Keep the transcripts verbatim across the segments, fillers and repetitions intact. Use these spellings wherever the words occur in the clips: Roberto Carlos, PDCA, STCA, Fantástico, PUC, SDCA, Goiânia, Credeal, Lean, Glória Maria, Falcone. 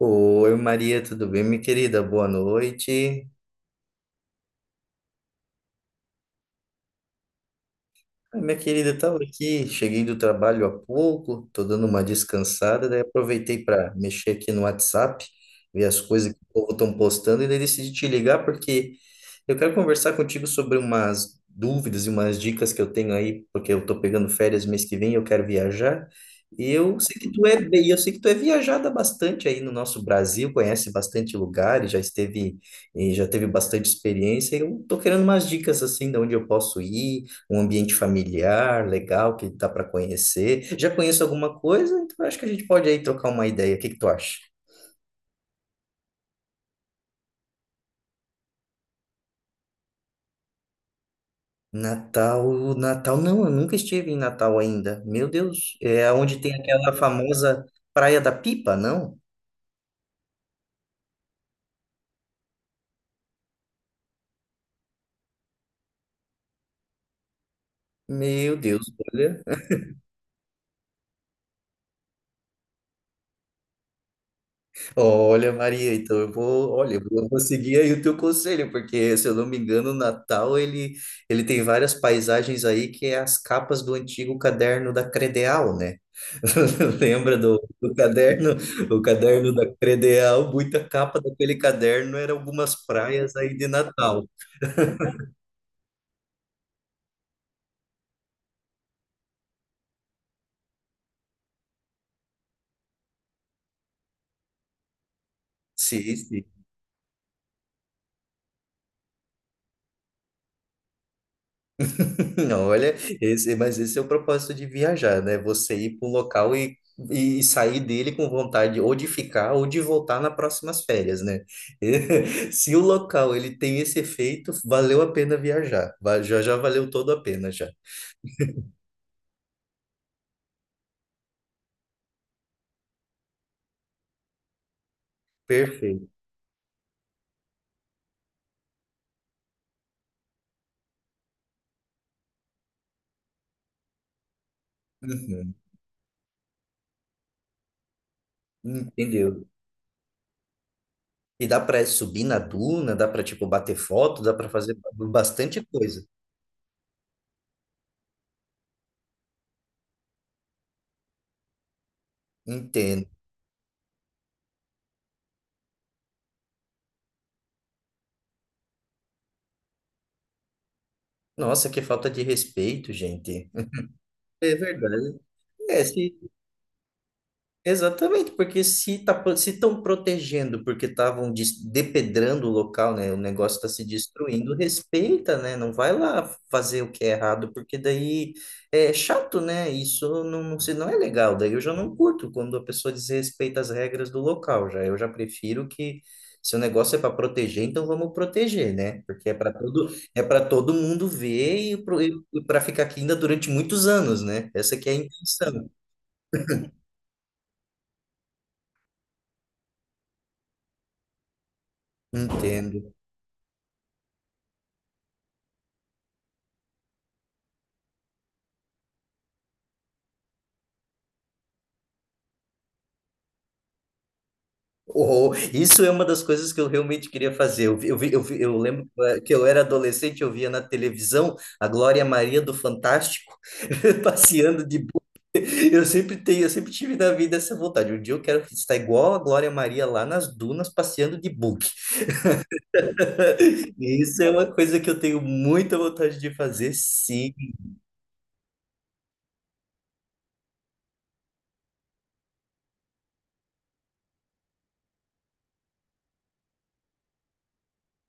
Oi, Maria, tudo bem, minha querida? Boa noite. Ah, minha querida, estava aqui, cheguei do trabalho há pouco, estou dando uma descansada, daí aproveitei para mexer aqui no WhatsApp, ver as coisas que o povo estão postando, e daí decidi te ligar porque eu quero conversar contigo sobre umas dúvidas e umas dicas que eu tenho aí, porque eu estou pegando férias mês que vem, e eu quero viajar, e eu sei que tu é bem, eu sei que tu é viajada bastante aí no nosso Brasil, conhece bastante lugares, já esteve, e já teve bastante experiência, e eu estou querendo umas dicas assim, de onde eu posso ir, um ambiente familiar legal que dá para conhecer. Já conheço alguma coisa, então acho que a gente pode aí trocar uma ideia. O que que tu acha? Natal, Natal, não, eu nunca estive em Natal ainda. Meu Deus, é onde tem aquela famosa Praia da Pipa, não? Meu Deus, olha. Olha, Maria, então eu vou, olha, eu vou vou seguir aí o teu conselho, porque se eu não me engano, o Natal ele, ele tem várias paisagens aí que é as capas do antigo caderno da Credeal, né? Lembra do, do caderno, o caderno da Credeal, muita capa daquele caderno era algumas praias aí de Natal. Sim, sim. Não, olha, esse, mas esse é o propósito de viajar, né? Você ir para um local e, e sair dele com vontade ou de ficar ou de voltar nas próximas férias, né? Se o local ele tem esse efeito, valeu a pena viajar. Va- Já, já valeu todo a pena já. Perfeito. Uhum. Entendeu? E dá para subir na duna, dá para tipo bater foto, dá para fazer bastante coisa. Entendo. Nossa, que falta de respeito, gente. É verdade. É, se Exatamente, porque se tá, pro- se estão protegendo porque estavam des- depedrando o local, né? O negócio está se destruindo, respeita, né? Não vai lá fazer o que é errado, porque daí é chato, né? Isso não, não, se- não é legal. Daí eu já não curto quando a pessoa desrespeita as regras do local. Já eu já prefiro que se o negócio é para proteger, então vamos proteger, né? Porque é para todo é para todo mundo ver e para ficar aqui ainda durante muitos anos, né? Essa que é a intenção. Entendo. Oh, isso é uma das coisas que eu realmente queria fazer. Eu, vi- eu, vi- eu, vi- eu lembro eh, que eu era adolescente, eu via na televisão a Glória Maria do Fantástico passeando de boa. Eu sempre tenho, eu sempre tive na vida essa vontade. Um dia eu quero estar igual a Glória Maria lá nas dunas passeando de bug. Isso é uma coisa que eu tenho muita vontade de fazer, sim.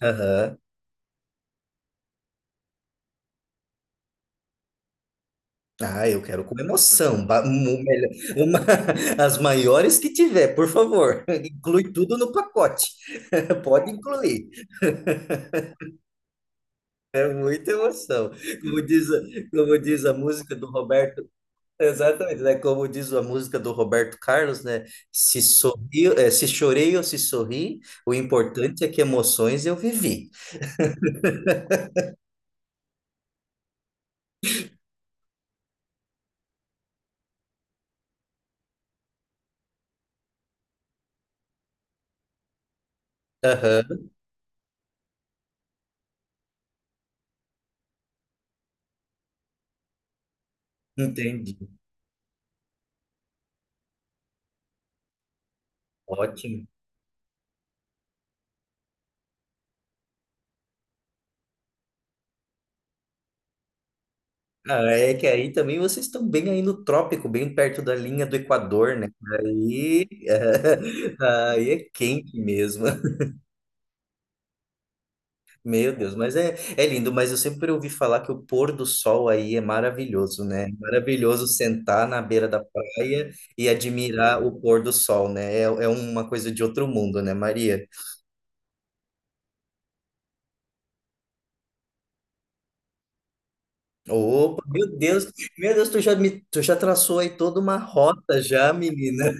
Aham. Ah, eu quero com emoção, ba- um- um melhor- uma- as maiores que tiver, por favor. Inclui tudo no pacote. Pode incluir, é muita emoção. Como diz, a- Como diz a música do Roberto, exatamente, né? Como diz a música do Roberto Carlos, né? Se sorri, eh, se chorei ou se sorri, o importante é que emoções eu vivi. Aham, entendi. Ótimo. Ah, é que aí também vocês estão bem aí no trópico, bem perto da linha do Equador, né? Aí, aí é quente mesmo. Meu Deus, mas é, é lindo, mas eu sempre ouvi falar que o pôr do sol aí é maravilhoso, né? É maravilhoso sentar na beira da praia e admirar o pôr do sol, né? É, é uma coisa de outro mundo, né, Maria? Opa, meu Deus, meu Deus, tu já me, tu já traçou aí toda uma rota já, menina.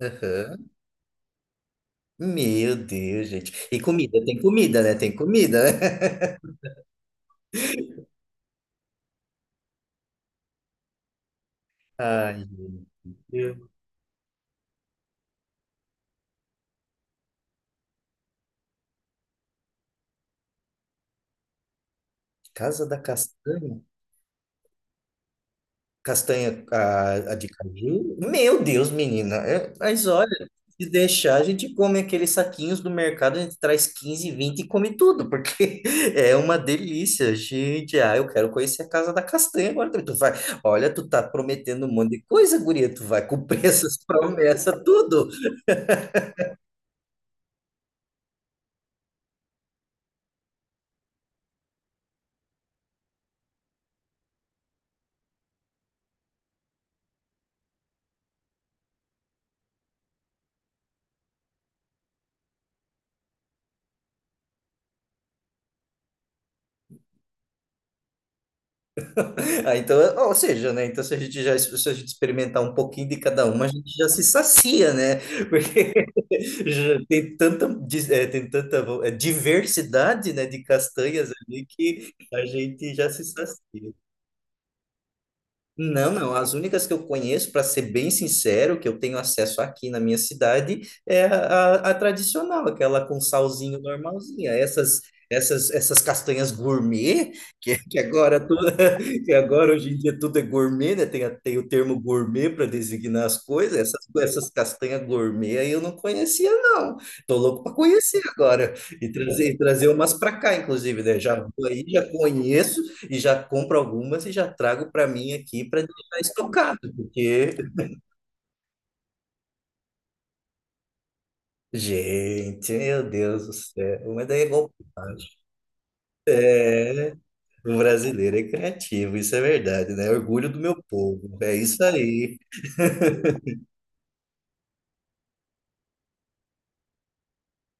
Aham. Meu Deus, gente. E comida, tem comida, né? Tem comida, né? Ai, meu Deus. Casa da Castanha? Castanha, a, a de caju. Meu Deus, menina. É, mas olha, se deixar, a gente come aqueles saquinhos do mercado, a gente traz quinze, vinte e come tudo, porque é uma delícia. Gente, ah, eu quero conhecer a casa da castanha agora. Também. Tu vai, olha, tu tá prometendo um monte de coisa, guria. Tu vai cumprir essas promessas, tudo. Ah, então, ou seja, né? Então, se a gente já se a gente experimentar um pouquinho de cada uma, a gente já se sacia, né? Porque já tem tanta, dis- eh, tem tanta vo- eh, diversidade, né, de castanhas ali que a gente já se sacia. Não, não. As únicas que eu conheço, para ser bem sincero, que eu tenho acesso aqui na minha cidade, é a, a- a tradicional, aquela com salzinho normalzinha. Essas, essas, essas castanhas gourmet, que, que agora tudo, que agora hoje em dia tudo é gourmet, né? Tem, a- tem o termo gourmet para designar as coisas. Essas, essas castanhas gourmet aí eu não conhecia, não. Tô louco para conhecer agora e trazer, e trazer umas para cá, inclusive, né? Já vou aí já conheço e já compro algumas e já trago para mim aqui para deixar estocado, porque, gente, meu Deus do céu, mas daí é golpagem. O brasileiro é criativo, isso é verdade, né? É orgulho do meu povo, é isso aí.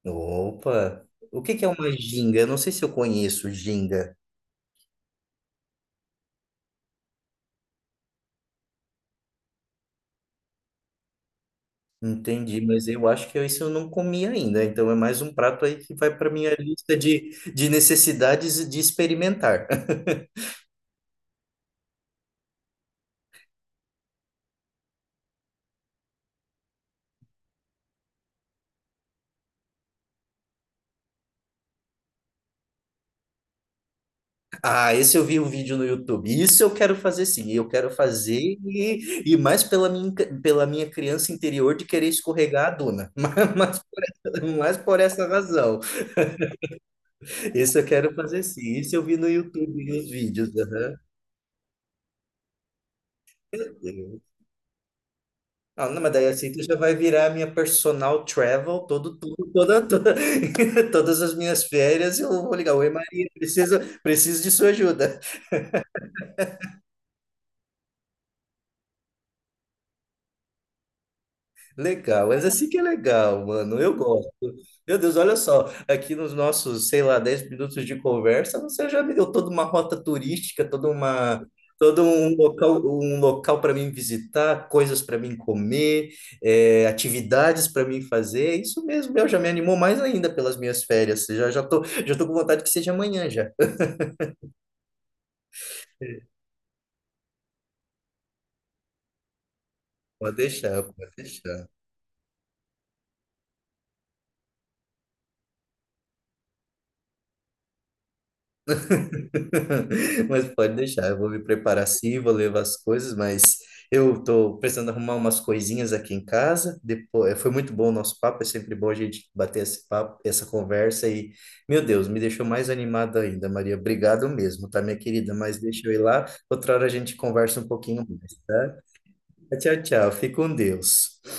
Opa, o que que é uma ginga? Eu não sei se eu conheço ginga, entendi, mas eu acho que isso eu não comi ainda, então é mais um prato aí que vai para minha lista de, de necessidades de experimentar. Ah, esse eu vi um vídeo no YouTube. Isso eu quero fazer sim. Eu quero fazer e, e mais pela minha, pela minha criança interior de querer escorregar a duna. Mas, mas, mas por essa razão. Isso eu quero fazer sim. Isso eu vi no YouTube, os vídeos. Aham. Ah, não, mas daí assim tu já vai virar a minha personal travel todo, tudo, toda, toda- todas as minhas férias. Eu vou ligar, oi Maria, preciso, preciso de sua ajuda. Legal, mas assim que é legal, mano. Eu gosto. Meu Deus, olha só, aqui nos nossos, sei lá, dez minutos de conversa, você já me deu toda uma rota turística, toda uma, todo um local, um local para mim visitar, coisas para mim comer, eh, atividades para mim fazer. É isso mesmo, meu, já me animou mais ainda pelas minhas férias. Já já tô, já tô com vontade que seja amanhã já. Pode deixar, pode deixar. Mas pode deixar, eu vou me preparar sim, vou levar as coisas, mas eu tô precisando arrumar umas coisinhas aqui em casa. Depois, foi muito bom o nosso papo, é sempre bom a gente bater esse papo, essa conversa e, meu Deus, me deixou mais animado ainda, Maria. Obrigado mesmo, tá, minha querida? Mas deixa eu ir lá, outra hora a gente conversa um pouquinho mais, tá? Tchau, tchau. Fique com Deus.